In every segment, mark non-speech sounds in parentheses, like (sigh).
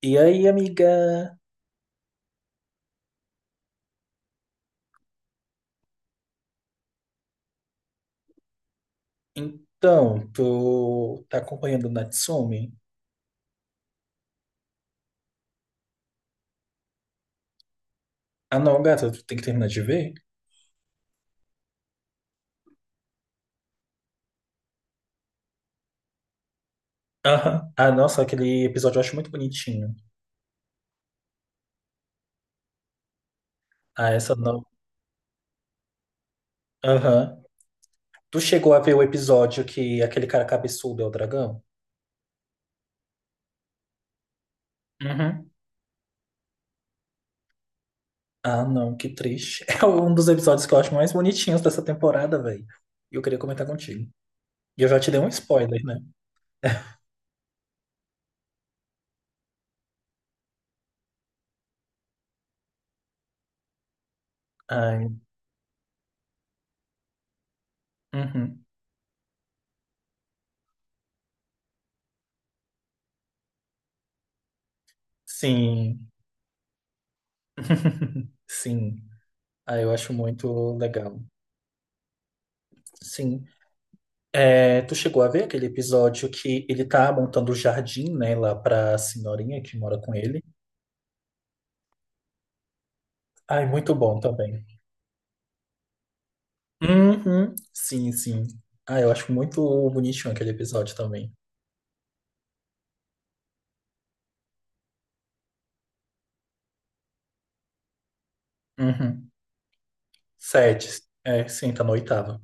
E aí, amiga? Então, tu tá acompanhando o Natsumi? Ah, não, gata, tu tem que terminar de ver? Aham. Ah, nossa, aquele episódio eu acho muito bonitinho. Ah, essa não. Aham. Tu chegou a ver o episódio que aquele cara cabeçudo é o dragão? Uhum. Ah, não, que triste. (laughs) É um dos episódios que eu acho mais bonitinhos dessa temporada, velho. E eu queria comentar contigo. E eu já te dei um spoiler, né? Ai. Uhum. Sim. (laughs) Sim, ah, eu acho muito legal. Sim. É, tu chegou a ver aquele episódio que ele tá montando o jardim, né, lá pra senhorinha que mora com ele? Ai, muito bom também. Uhum. Sim, sim. Ah, eu acho muito bonitinho aquele episódio também. Uhum. Sete. É, sim, tá na oitava.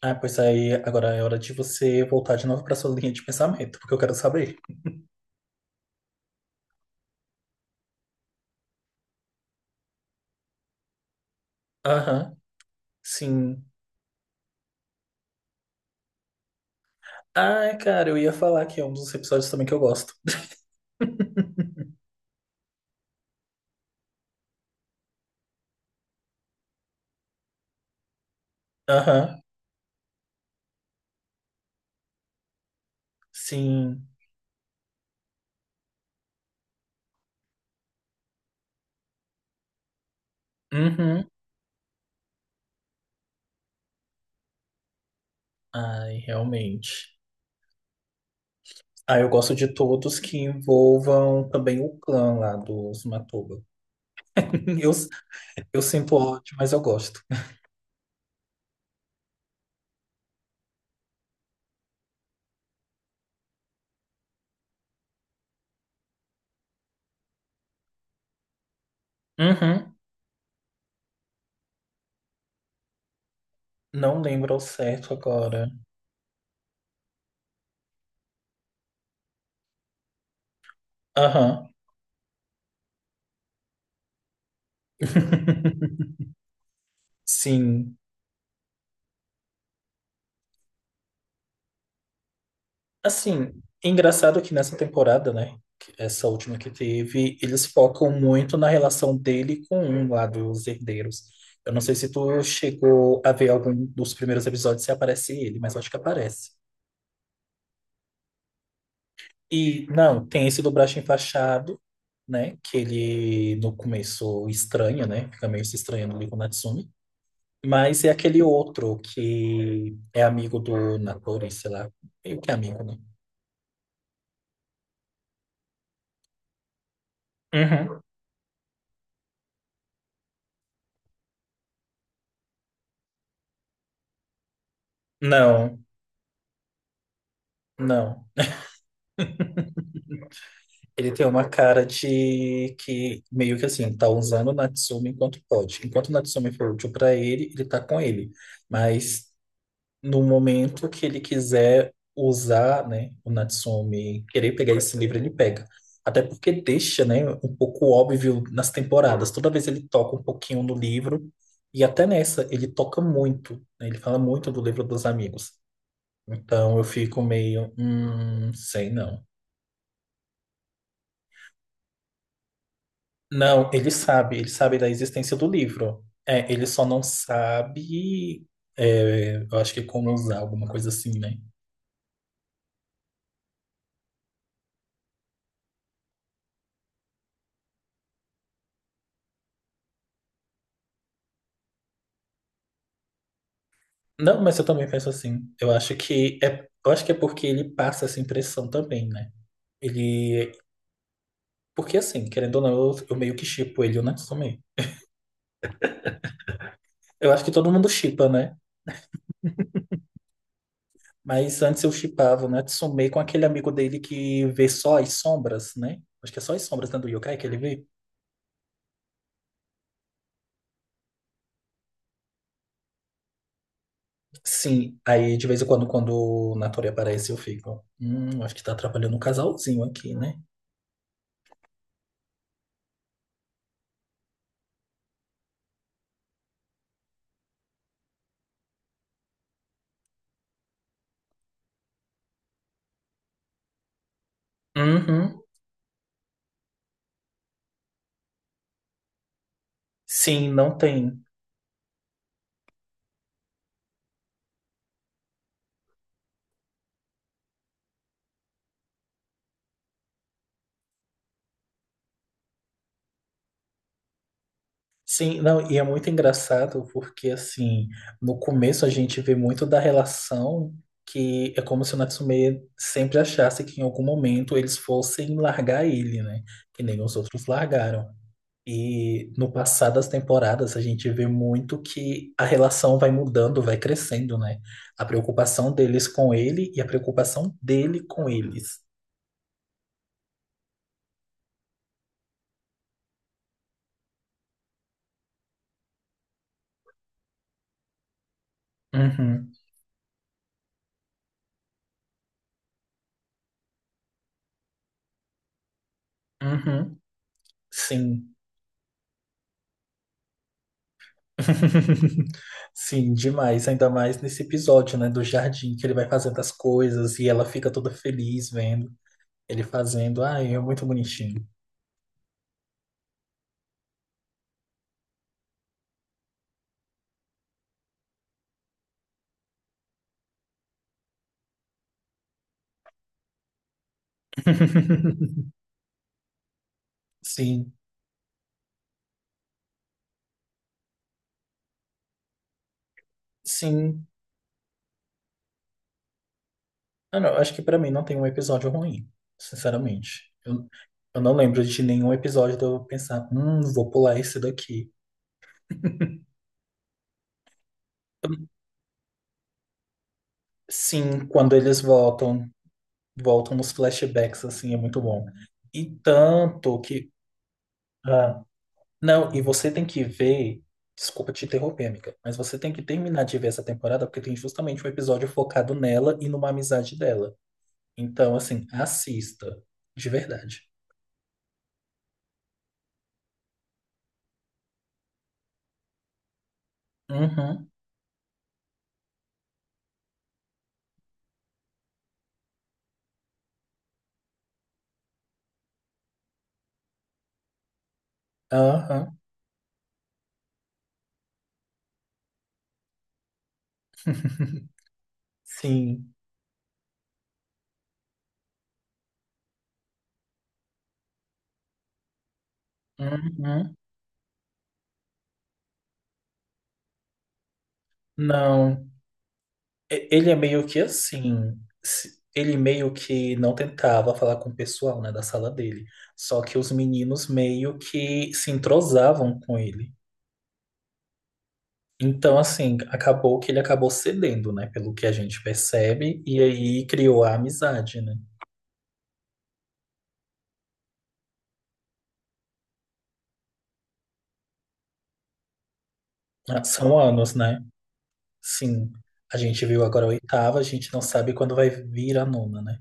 Ah, pois aí agora é hora de você voltar de novo pra sua linha de pensamento, porque eu quero saber. Aham, sim. Ai, cara, eu ia falar que é um dos episódios também que eu gosto. (laughs) Aham, sim. Uhum. Ai, realmente. Ah, eu gosto de todos que envolvam também o clã lá dos Matuba. (laughs) Eu, eu sinto ódio, mas eu gosto. Uhum. Não lembro ao certo agora. Aham. (laughs) Sim. Assim, é engraçado que nessa temporada, né? Essa última que teve, eles focam muito na relação dele com um lá dos herdeiros. Eu não sei se tu chegou a ver algum dos primeiros episódios se aparece ele, mas eu acho que aparece. E não, tem esse do braço enfaixado, né? Que ele no começo estranha, né? Fica meio se estranhando ali com o Natsumi. Mas é aquele outro que é amigo do Natori, sei lá. Meio que amigo, né? Uhum. Não, não. Ele tem uma cara de que meio que assim, tá usando o Natsumi enquanto pode. Enquanto o Natsumi for útil pra ele, ele tá com ele. Mas no momento que ele quiser usar, né, o Natsumi, querer pegar esse livro, ele pega. Até porque deixa, né, um pouco óbvio nas temporadas. Toda vez ele toca um pouquinho no livro e até nessa ele toca muito, né? Ele fala muito do livro dos amigos. Então eu fico meio, sei não. Não, ele sabe da existência do livro. É, ele só não sabe, é, eu acho que como usar alguma coisa assim, né? Não, mas eu também penso assim. Eu acho que é, eu acho que é porque ele passa essa impressão também, né? Ele, porque assim, querendo ou não, eu meio que shippo ele, o Natsume. Eu acho que todo mundo shippa, né? Mas antes eu shippava o Natsume com aquele amigo dele que vê só as sombras, né? Acho que é só as sombras, né, do yokai que ele vê. Sim, aí de vez em quando, quando o Natori aparece, eu fico. Acho que tá atrapalhando um casalzinho aqui, né? Uhum. Sim, não tem. Sim, não, e é muito engraçado porque, assim, no começo a gente vê muito da relação que é como se o Natsume sempre achasse que em algum momento eles fossem largar ele, né? Que nem os outros largaram. E no passar das temporadas, a gente vê muito que a relação vai mudando, vai crescendo, né? A preocupação deles com ele e a preocupação dele com eles. Uhum, uhum, sim. (laughs) Sim, demais. Ainda mais nesse episódio, né? Do jardim, que ele vai fazendo as coisas e ela fica toda feliz vendo ele fazendo. Ai, é muito bonitinho. (laughs) Sim, sim. Ah, não, acho que pra mim não tem um episódio ruim, sinceramente. Eu não lembro de nenhum episódio de eu pensar, vou pular esse daqui. Sim, quando eles voltam, voltam nos flashbacks, assim, é muito bom. E tanto que. Ah, não, e você tem que ver. Desculpa te interromper, amiga, mas você tem que terminar de ver essa temporada porque tem justamente um episódio focado nela e numa amizade dela. Então, assim, assista, de verdade. Uhum, aham. (laughs) Sim. Uhum. Não. Ele é meio que assim. Ele meio que não tentava falar com o pessoal, né, da sala dele. Só que os meninos meio que se entrosavam com ele. Então, assim, acabou que ele acabou cedendo, né, pelo que a gente percebe, e aí criou a amizade, né? Ah, são anos, né? Sim. A gente viu agora a oitava, a gente não sabe quando vai vir a nona, né?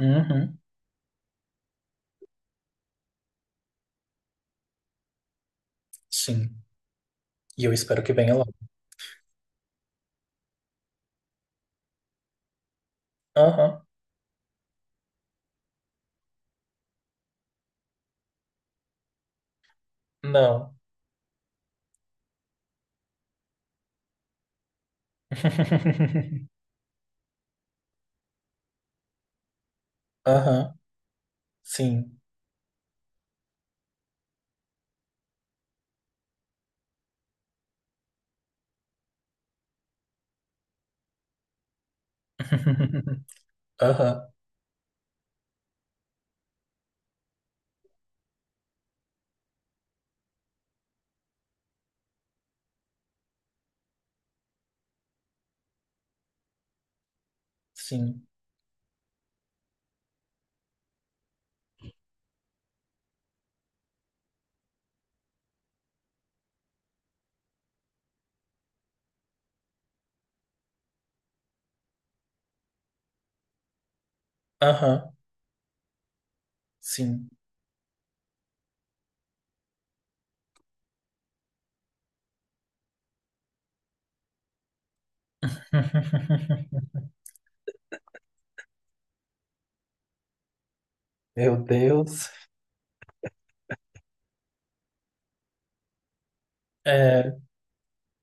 Uhum. Sim. E eu espero que venha logo. Aham. Não. (laughs) Aham, sim. (laughs) Aham, sim. Aham, sim. (laughs) Meu Deus. É,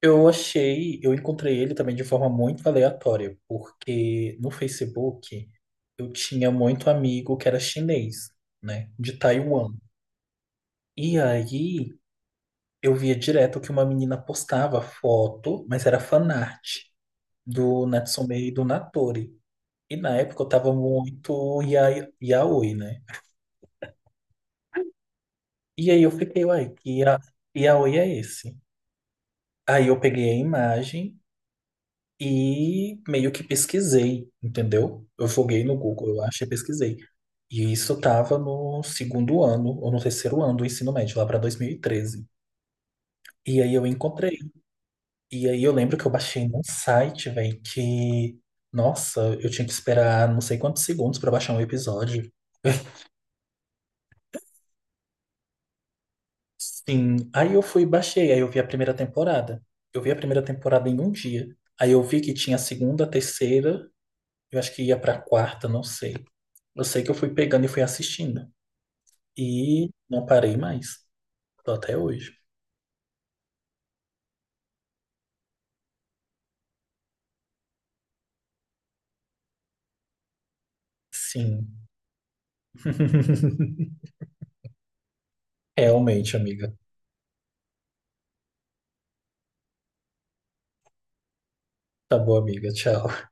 eu achei, eu encontrei ele também de forma muito aleatória, porque no Facebook eu tinha muito amigo que era chinês, né, de Taiwan. E aí eu via direto que uma menina postava foto, mas era fanart do Natsume e do Natori. E na época eu tava muito yaoi, né? E aí eu fiquei, uai, que yaoi é esse? Aí eu peguei a imagem e meio que pesquisei, entendeu? Eu joguei no Google, eu achei, pesquisei. E isso tava no segundo ano, ou no terceiro ano do ensino médio, lá pra 2013. E treze. E aí eu encontrei. E aí eu lembro que eu baixei num site, velho, que... Nossa, eu tinha que esperar não sei quantos segundos pra baixar um episódio. Sim, aí eu fui e baixei, aí eu vi a primeira temporada. Eu vi a primeira temporada em um dia. Aí eu vi que tinha a segunda, a terceira, eu acho que ia pra quarta, não sei. Eu sei que eu fui pegando e fui assistindo. E não parei mais. Tô até hoje. Sim. (laughs) Realmente, amiga. Tá bom, amiga. Tchau.